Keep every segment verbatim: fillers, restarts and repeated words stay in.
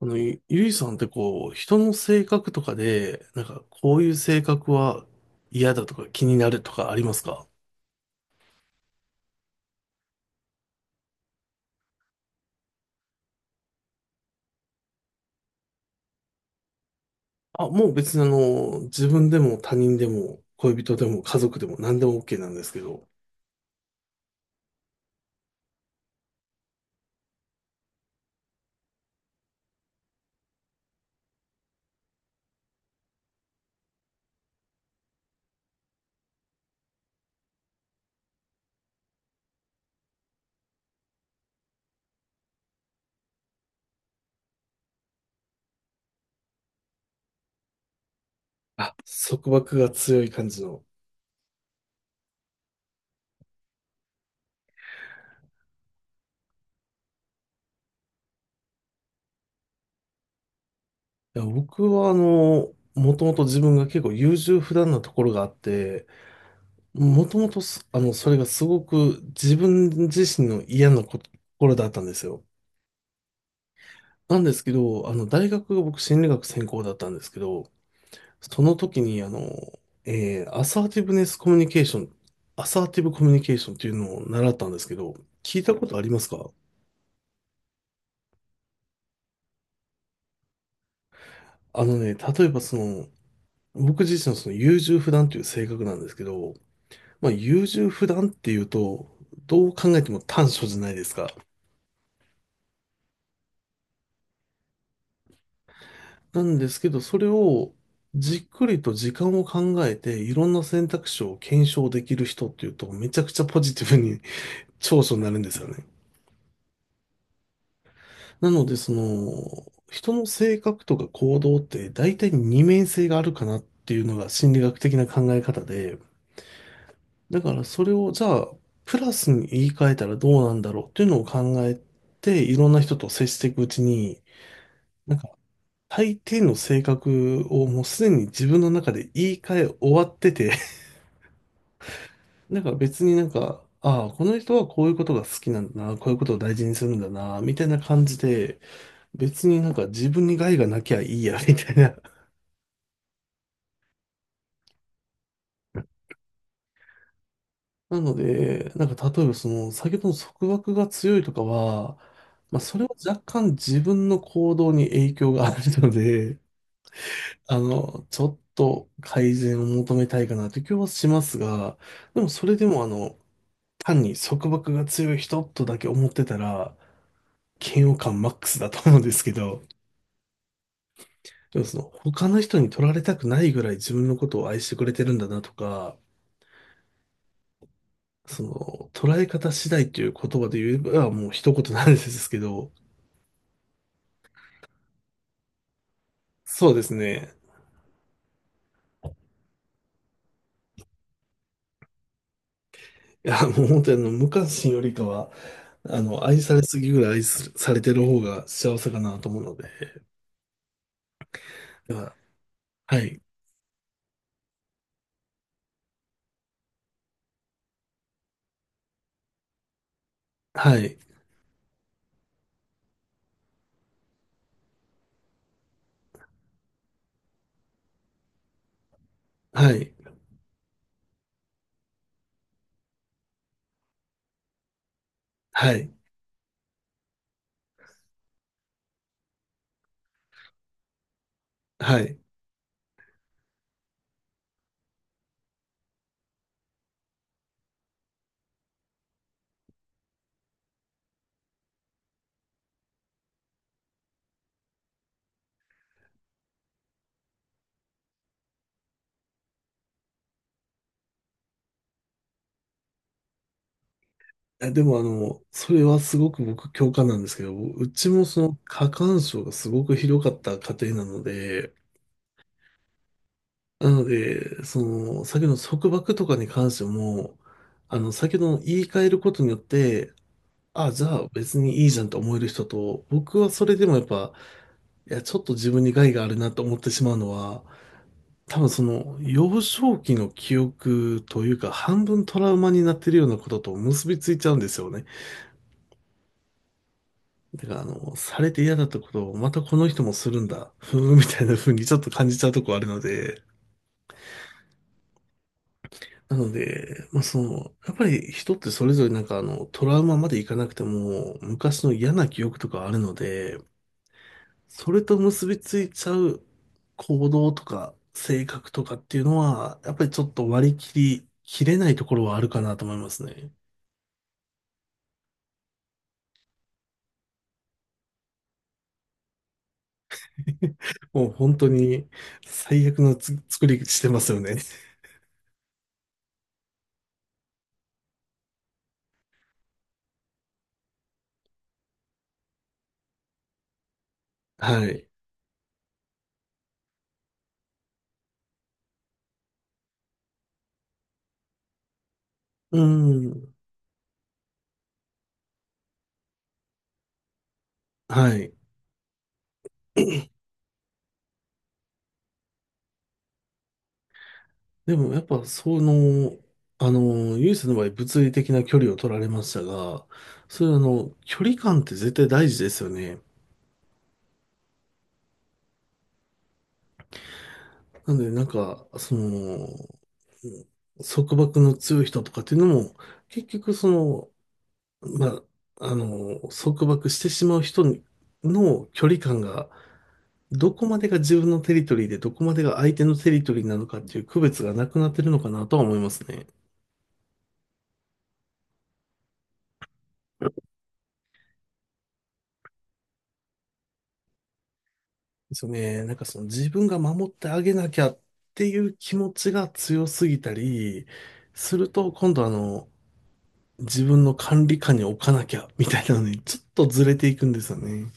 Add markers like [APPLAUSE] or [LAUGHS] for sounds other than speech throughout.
あの、ゆゆいさんってこう、人の性格とかで、なんかこういう性格は嫌だとか気になるとかありますか？あ、もう別にあの、自分でも他人でも恋人でも家族でも何でも オーケー なんですけど、あ、束縛が強い感じの。いや、僕はあの、もともと自分が結構優柔不断なところがあって、もともとすあの、それがすごく自分自身の嫌なこところだったんですよ。なんですけど、あの、大学が僕心理学専攻だったんですけど、その時に、あの、えーアサーティブネスコミュニケーション、アサーティブコミュニケーションっていうのを習ったんですけど、聞いたことありますか？あのね、例えばその、僕自身のその優柔不断という性格なんですけど、まあ優柔不断っていうと、どう考えても短所じゃないですか。なんですけど、それをじっくりと時間を考えて、いろんな選択肢を検証できる人っていうと、めちゃくちゃポジティブに長所になるんですよね。なので、その、人の性格とか行動って大体二面性があるかなっていうのが心理学的な考え方で、だからそれをじゃあ、プラスに言い換えたらどうなんだろうっていうのを考えて、いろんな人と接していくうちに、なんか、大抵の性格をもうすでに自分の中で言い換え終わってて、[LAUGHS] なんか別になんか、ああ、この人はこういうことが好きなんだな、こういうことを大事にするんだな、みたいな感じで、別になんか自分に害がなきゃいいや、みたいな。なので、なんか例えばその先ほどの束縛が強いとかは、まあ、それは若干自分の行動に影響があるので、[LAUGHS] あの、ちょっと改善を求めたいかなという気はしますが、でもそれでもあの、単に束縛が強い人とだけ思ってたら、嫌悪感マックスだと思うんですけど、でもその他の人に取られたくないぐらい自分のことを愛してくれてるんだなとか、その捉え方次第っていう言葉で言えばもう一言なんですけど、そうですね。いや、もう本当にあの、無関心よりかは、あの、愛されすぎぐらい愛するされてる方が幸せかなと思うので。では、はい、はい、はい、はい、はい。え、でもあの、それはすごく僕共感なんですけど、うちもその過干渉がすごくひどかった家庭なので、なので、その、先の束縛とかに関しても、あの、先の言い換えることによって、あ、じゃあ別にいいじゃんと思える人と、僕はそれでもやっぱ、いや、ちょっと自分に害があるなと思ってしまうのは、多分その幼少期の記憶というか半分トラウマになってるようなことと結びついちゃうんですよね。だからあの、されて嫌だったことをまたこの人もするんだ、ふーんみたいな風にちょっと感じちゃうとこあるので、なので、まあその、やっぱり人ってそれぞれなんかあの、トラウマまでいかなくても昔の嫌な記憶とかあるので、それと結びついちゃう行動とか性格とかっていうのは、やっぱりちょっと割り切り切れないところはあるかなと思いますね。[LAUGHS] もう本当に最悪のつ作りしてますよね。はい。うん。はい。でもやっぱその、あの、ユースの場合物理的な距離を取られましたが、そういうあの、距離感って絶対大事ですよね。なので、なんか、その、束縛の強い人とかっていうのも、結局その、まあ、あの、束縛してしまう人にの距離感が、どこまでが自分のテリトリーで、どこまでが相手のテリトリーなのかっていう区別がなくなってるのかなとは思いますね。ですよね。なんかその自分が守ってあげなきゃっていう気持ちが強すぎたりすると、今度あの、自分の管理下に置かなきゃ、みたいなのに、ちょっとずれていくんですよね。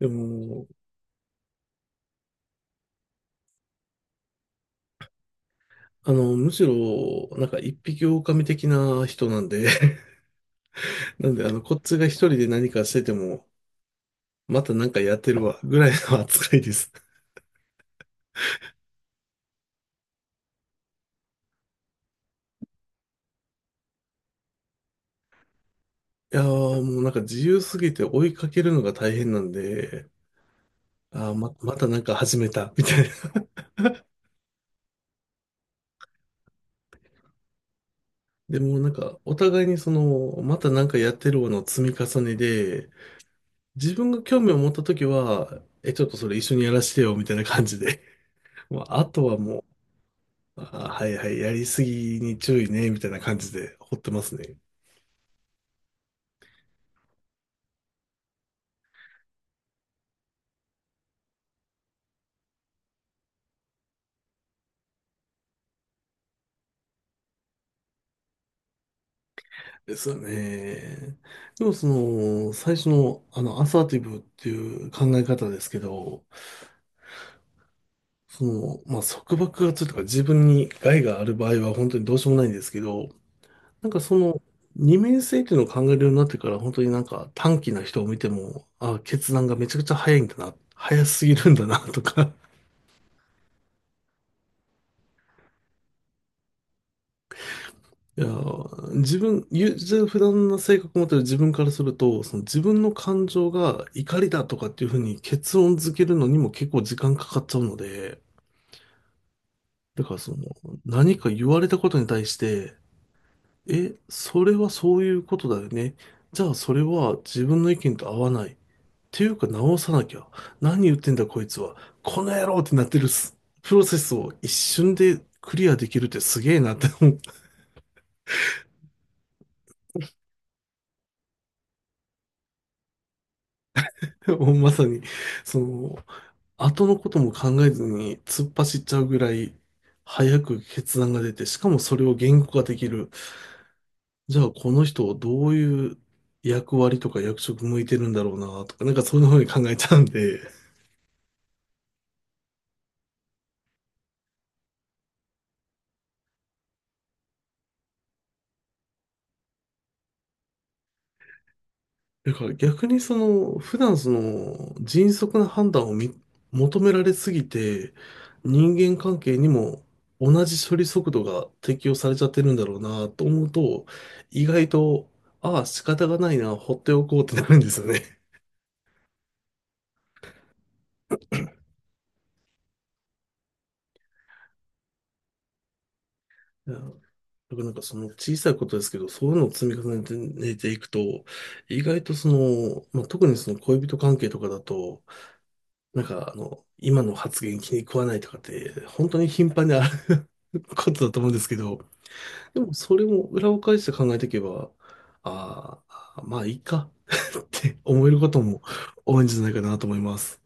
でも、あの、むしろ、なんか一匹狼的な人なんで、[LAUGHS] なんで、あの、こっちが一人で何かしてても、またなんかやってるわ、ぐらいの扱いです。いやー、もうなんか自由すぎて追いかけるのが大変なんで、あー、ま、またなんか始めた、みたいな。でもなんか、お互いにその、またなんかやってるわの積み重ねで、自分が興味を持ったときは、え、ちょっとそれ一緒にやらせてよ、みたいな感じで。[LAUGHS] まああとはもう、あ、はいはい、やりすぎに注意ね、みたいな感じで放ってますね。ですよね。でもその、最初の、あの、アサーティブっていう考え方ですけど、その、まあ、束縛がつるとか自分に害がある場合は本当にどうしようもないんですけど、なんかその二面性っていうのを考えるようになってから、本当になんか短気な人を見ても、あ、決断がめちゃくちゃ早いんだな、早すぎるんだな [LAUGHS] とか。いや、自分、ゆ普段の性格を持ってる自分からすると、その自分の感情が怒りだとかっていうふうに結論付けるのにも結構時間かかっちゃうので、だからその何か言われたことに対して、え、それはそういうことだよね。じゃあそれは自分の意見と合わない。ていうか直さなきゃ。何言ってんだこいつは。この野郎ってなってるすプロセスを一瞬でクリアできるってすげえなって思って、[LAUGHS] もうまさに、その、後のことも考えずに突っ走っちゃうぐらい早く決断が出て、しかもそれを言語化できる。じゃあこの人をどういう役割とか役職向いてるんだろうなとか、なんかそういうふうに考えちゃうんで、だから逆にその、普段その、迅速な判断をみ求められすぎて、人間関係にも同じ処理速度が適用されちゃってるんだろうなと思うと、意外と、ああ、仕方がないな、放っておこうってなるんですよね。いや、だからなんかその小さいことですけど、そういうのを積み重ねてねていくと、意外とその、まあ、特にその恋人関係とかだと、なんかあの、今の発言気に食わないとかって、本当に頻繁にあることだと思うんですけど、でもそれも裏を返して考えていけば、ああ、まあいいか [LAUGHS] って思えることも多いんじゃないかなと思います。